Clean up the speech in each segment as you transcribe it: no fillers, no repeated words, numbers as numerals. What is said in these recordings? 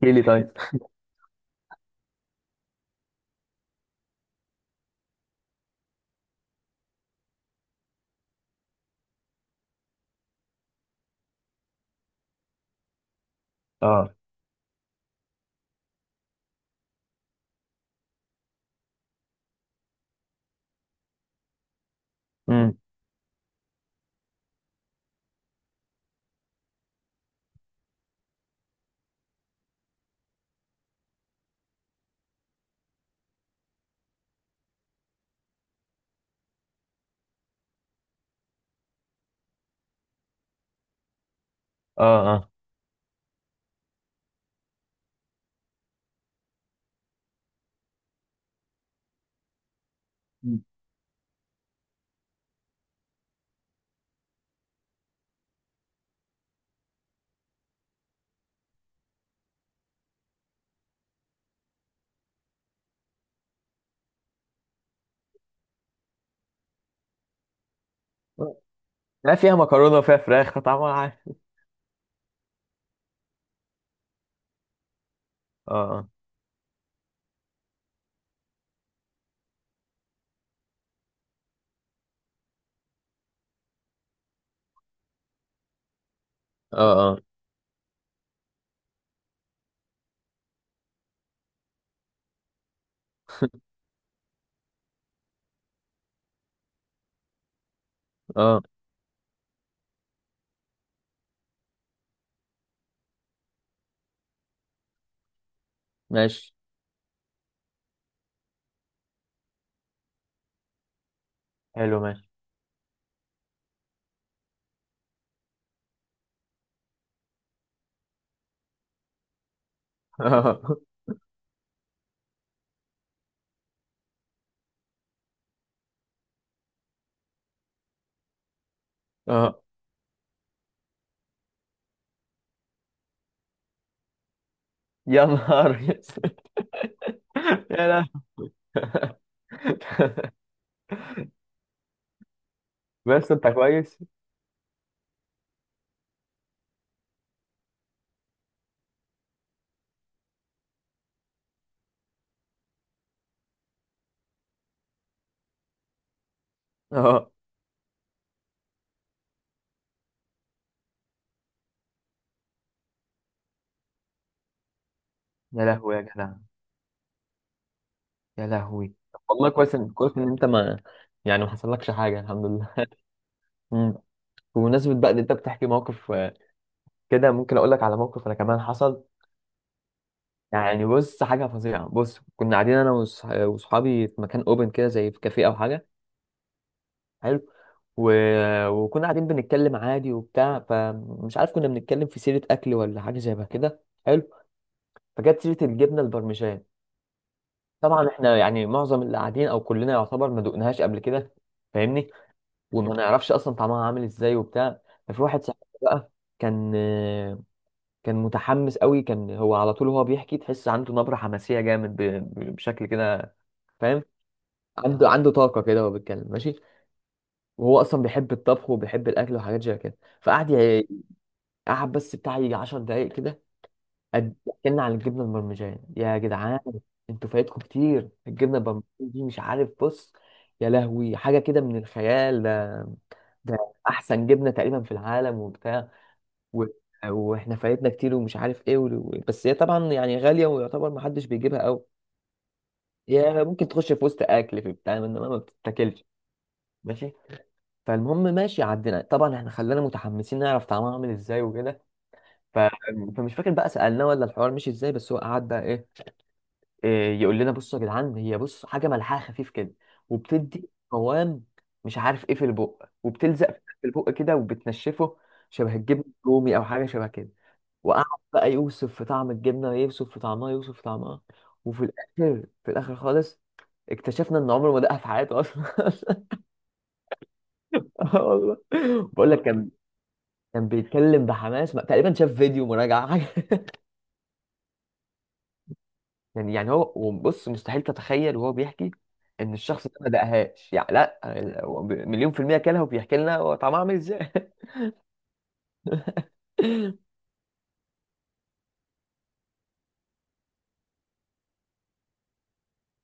كيلي طيب. اه. امم. اه. اه. مم. لا، فيها مكرونه وفيها فراخ طعمها عارف. اه. اه. اه. اه. اه. ماشي. حلو، ماشي. اه. اه. يا نهار اسود. يا لا. بس انت كويس. اه. يا لهوي يا جدع، يا لهوي. والله كويس ان كويس ان انت ما يعني ما حصلكش حاجه، الحمد لله. أمم. بمناسبه بقى ان انت بتحكي موقف كده، ممكن اقول لك على موقف انا كمان حصل. يعني بص، حاجة فظيعة. بص، كنا قاعدين أنا وصحابي في مكان أوبن كده، زي في كافيه أو حاجة. حلو. و... وكنا قاعدين بنتكلم عادي وبتاع، فمش عارف كنا بنتكلم في سيرة أكل ولا حاجة زي ما كده. حلو. فجت سيرة الجبنة البرمجان. طبعا إحنا يعني معظم اللي قاعدين أو كلنا يعتبر ما دقناهاش قبل كده، فاهمني، وما نعرفش أصلا طعمها عامل إزاي وبتاع. ففي واحد صاحبي بقى كان، كان متحمس قوي، هو على طول وهو بيحكي تحس عنده نبرة حماسية جامد بشكل كده، فاهم؟ عنده، عنده طاقة كده وهو بيتكلم. ماشي. وهو أصلا بيحب الطبخ وبيحب الأكل وحاجات زي كده. قعد بس بتاع يجي 10 دقايق كده. اتكلنا عن الجبنة المرمجان. يا جدعان، انتوا فايتكم كتير الجبنة المرمجان دي، مش عارف. بص، يا لهوي، حاجة كده من الخيال ده. ده أحسن جبنة تقريبا في العالم وبتاع. و... واحنا فايتنا كتير ومش عارف ايه بس هي طبعا يعني غاليه، ويعتبر ما حدش بيجيبها قوي. هي ممكن تخش في وسط اكل في بتاع، انما ما بتتاكلش. ماشي. فالمهم، ماشي، عدينا. طبعا احنا خلانا متحمسين نعرف طعمها عامل ازاي وكده. ف... فمش فاكر بقى سالناه ولا الحوار مشي ازاي، بس هو قعد بقى إيه يقول لنا، بصوا يا جدعان، هي بص حاجه ملحها خفيف كده، وبتدي قوام مش عارف ايه في البق، وبتلزق في البق كده وبتنشفه، شبه الجبن الرومي او حاجه شبه كده. وقعد بقى يوصف في طعم الجبنة، يوصف في طعمها، يوصف في طعمها، وفي الآخر، في الآخر خالص، اكتشفنا إن عمره ما دقها في حياته أصلا. آه والله. بقول لك كان، كان بيتكلم بحماس. تقريبا شاف فيديو مراجعة حاجة. يعني هو، وبص، مستحيل تتخيل وهو بيحكي إن الشخص ده ما دقهاش. يعني لا، هو مليون في المية كلها، وبيحكي لنا هو طعمها عامل إزاي.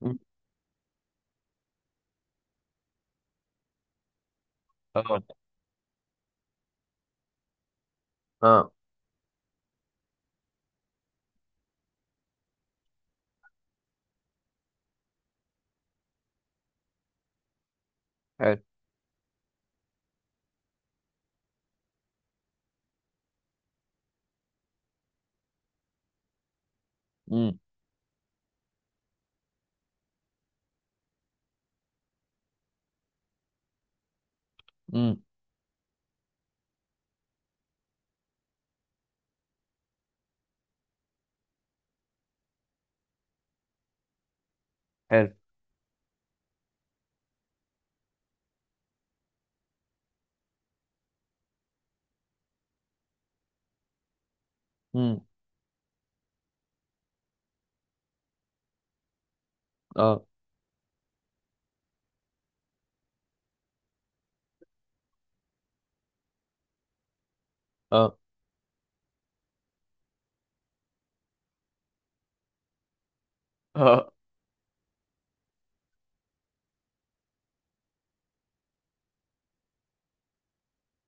مم. اه. اه. حلو. امم. امم. حلو. امم. اه. اه. اه.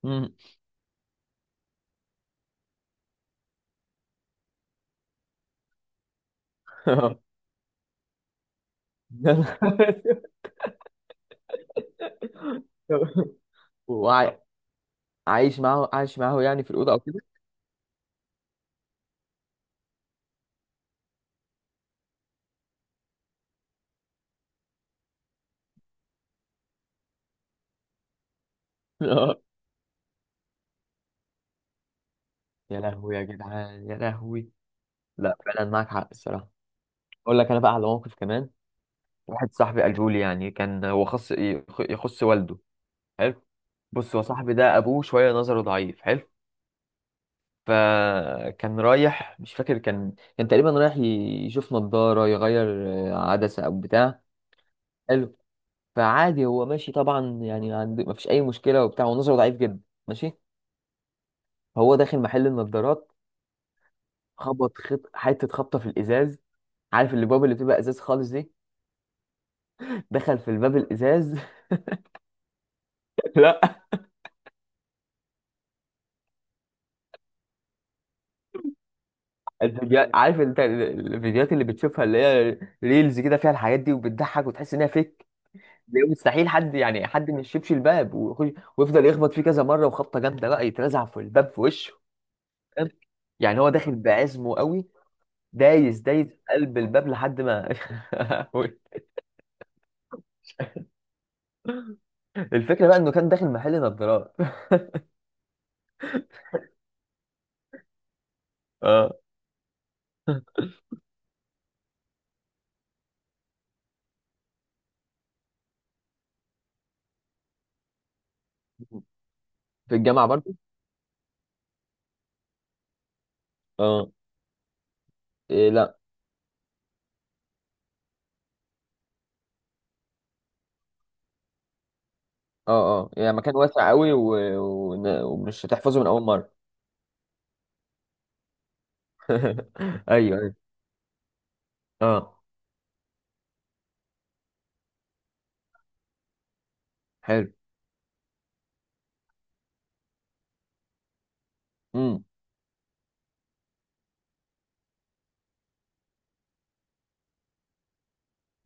امم. يا نهار أسود. وع- عايش معاه، عايش معاه يعني في الأوضة أو كده. آه. يا لهوي يا جدعان، يا لهوي. لا فعلا معاك حق الصراحة. أقول لك أنا بقى على موقف كمان. واحد صاحبي قاله لي، يعني كان هو خص يخص والده. حلو. بص، هو صاحبي ده أبوه شوية نظره ضعيف. حلو. فكان رايح، مش فاكر، كان كان تقريبا رايح يشوف نضارة يغير عدسة أو بتاع. حلو. فعادي هو ماشي طبعا، يعني مفيش أي مشكلة وبتاع، ونظره ضعيف جدا. ماشي. هو داخل محل النضارات، خبط حته خبطه في الازاز. عارف الباب اللي بتبقى ازاز خالص دي؟ دخل في الباب الازاز. لا، الفيديوهات، عارف انت الفيديوهات اللي بتشوفها اللي هي ريلز كده فيها الحاجات دي، وبتضحك وتحس انها فيك، اللي هو مستحيل حد، يعني حد ما يشيبش الباب ويخش، ويفضل يخبط فيه كذا مره، وخبطه جامده بقى يترزع في الباب في وشه، فاهم؟ يعني هو داخل بعزمه قوي، دايس في قلب الباب لحد ما. الفكره بقى انه كان داخل محل نضارات. اه. في الجامعه برضه؟ اه، إيه لا. اه. اه. يعني مكان واسع قوي ومش هتحفظه من اول مره. ايوه ايوه. اه. حلو. امم.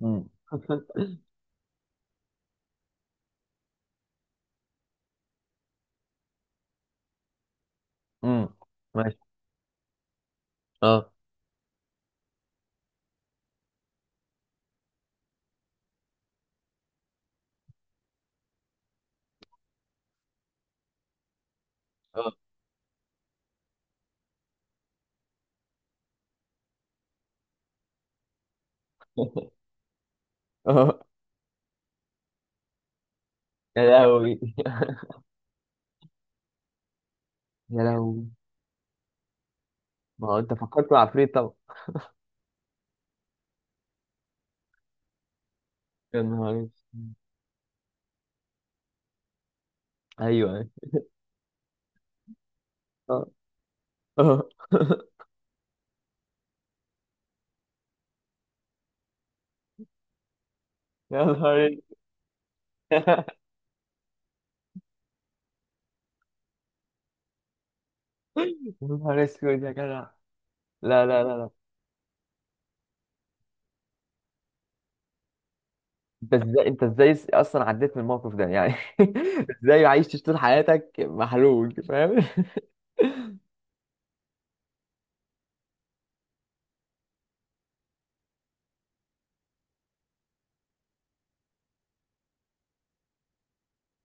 امم. امم. ماشي. اه. اه. اه. يا لهوي، يا لهوي. ما هو انت فكرت في العفريت طبعا. يا نهار أسود. ايوه ايوه. اه. اه. يا نهار أسود. يا نهار اسود يا جدع. لا لا لا. انت ازاي، انت ازاي اصلا عديت من الموقف ده يعني؟ ازاي عايش طول حياتك محلول، فاهم؟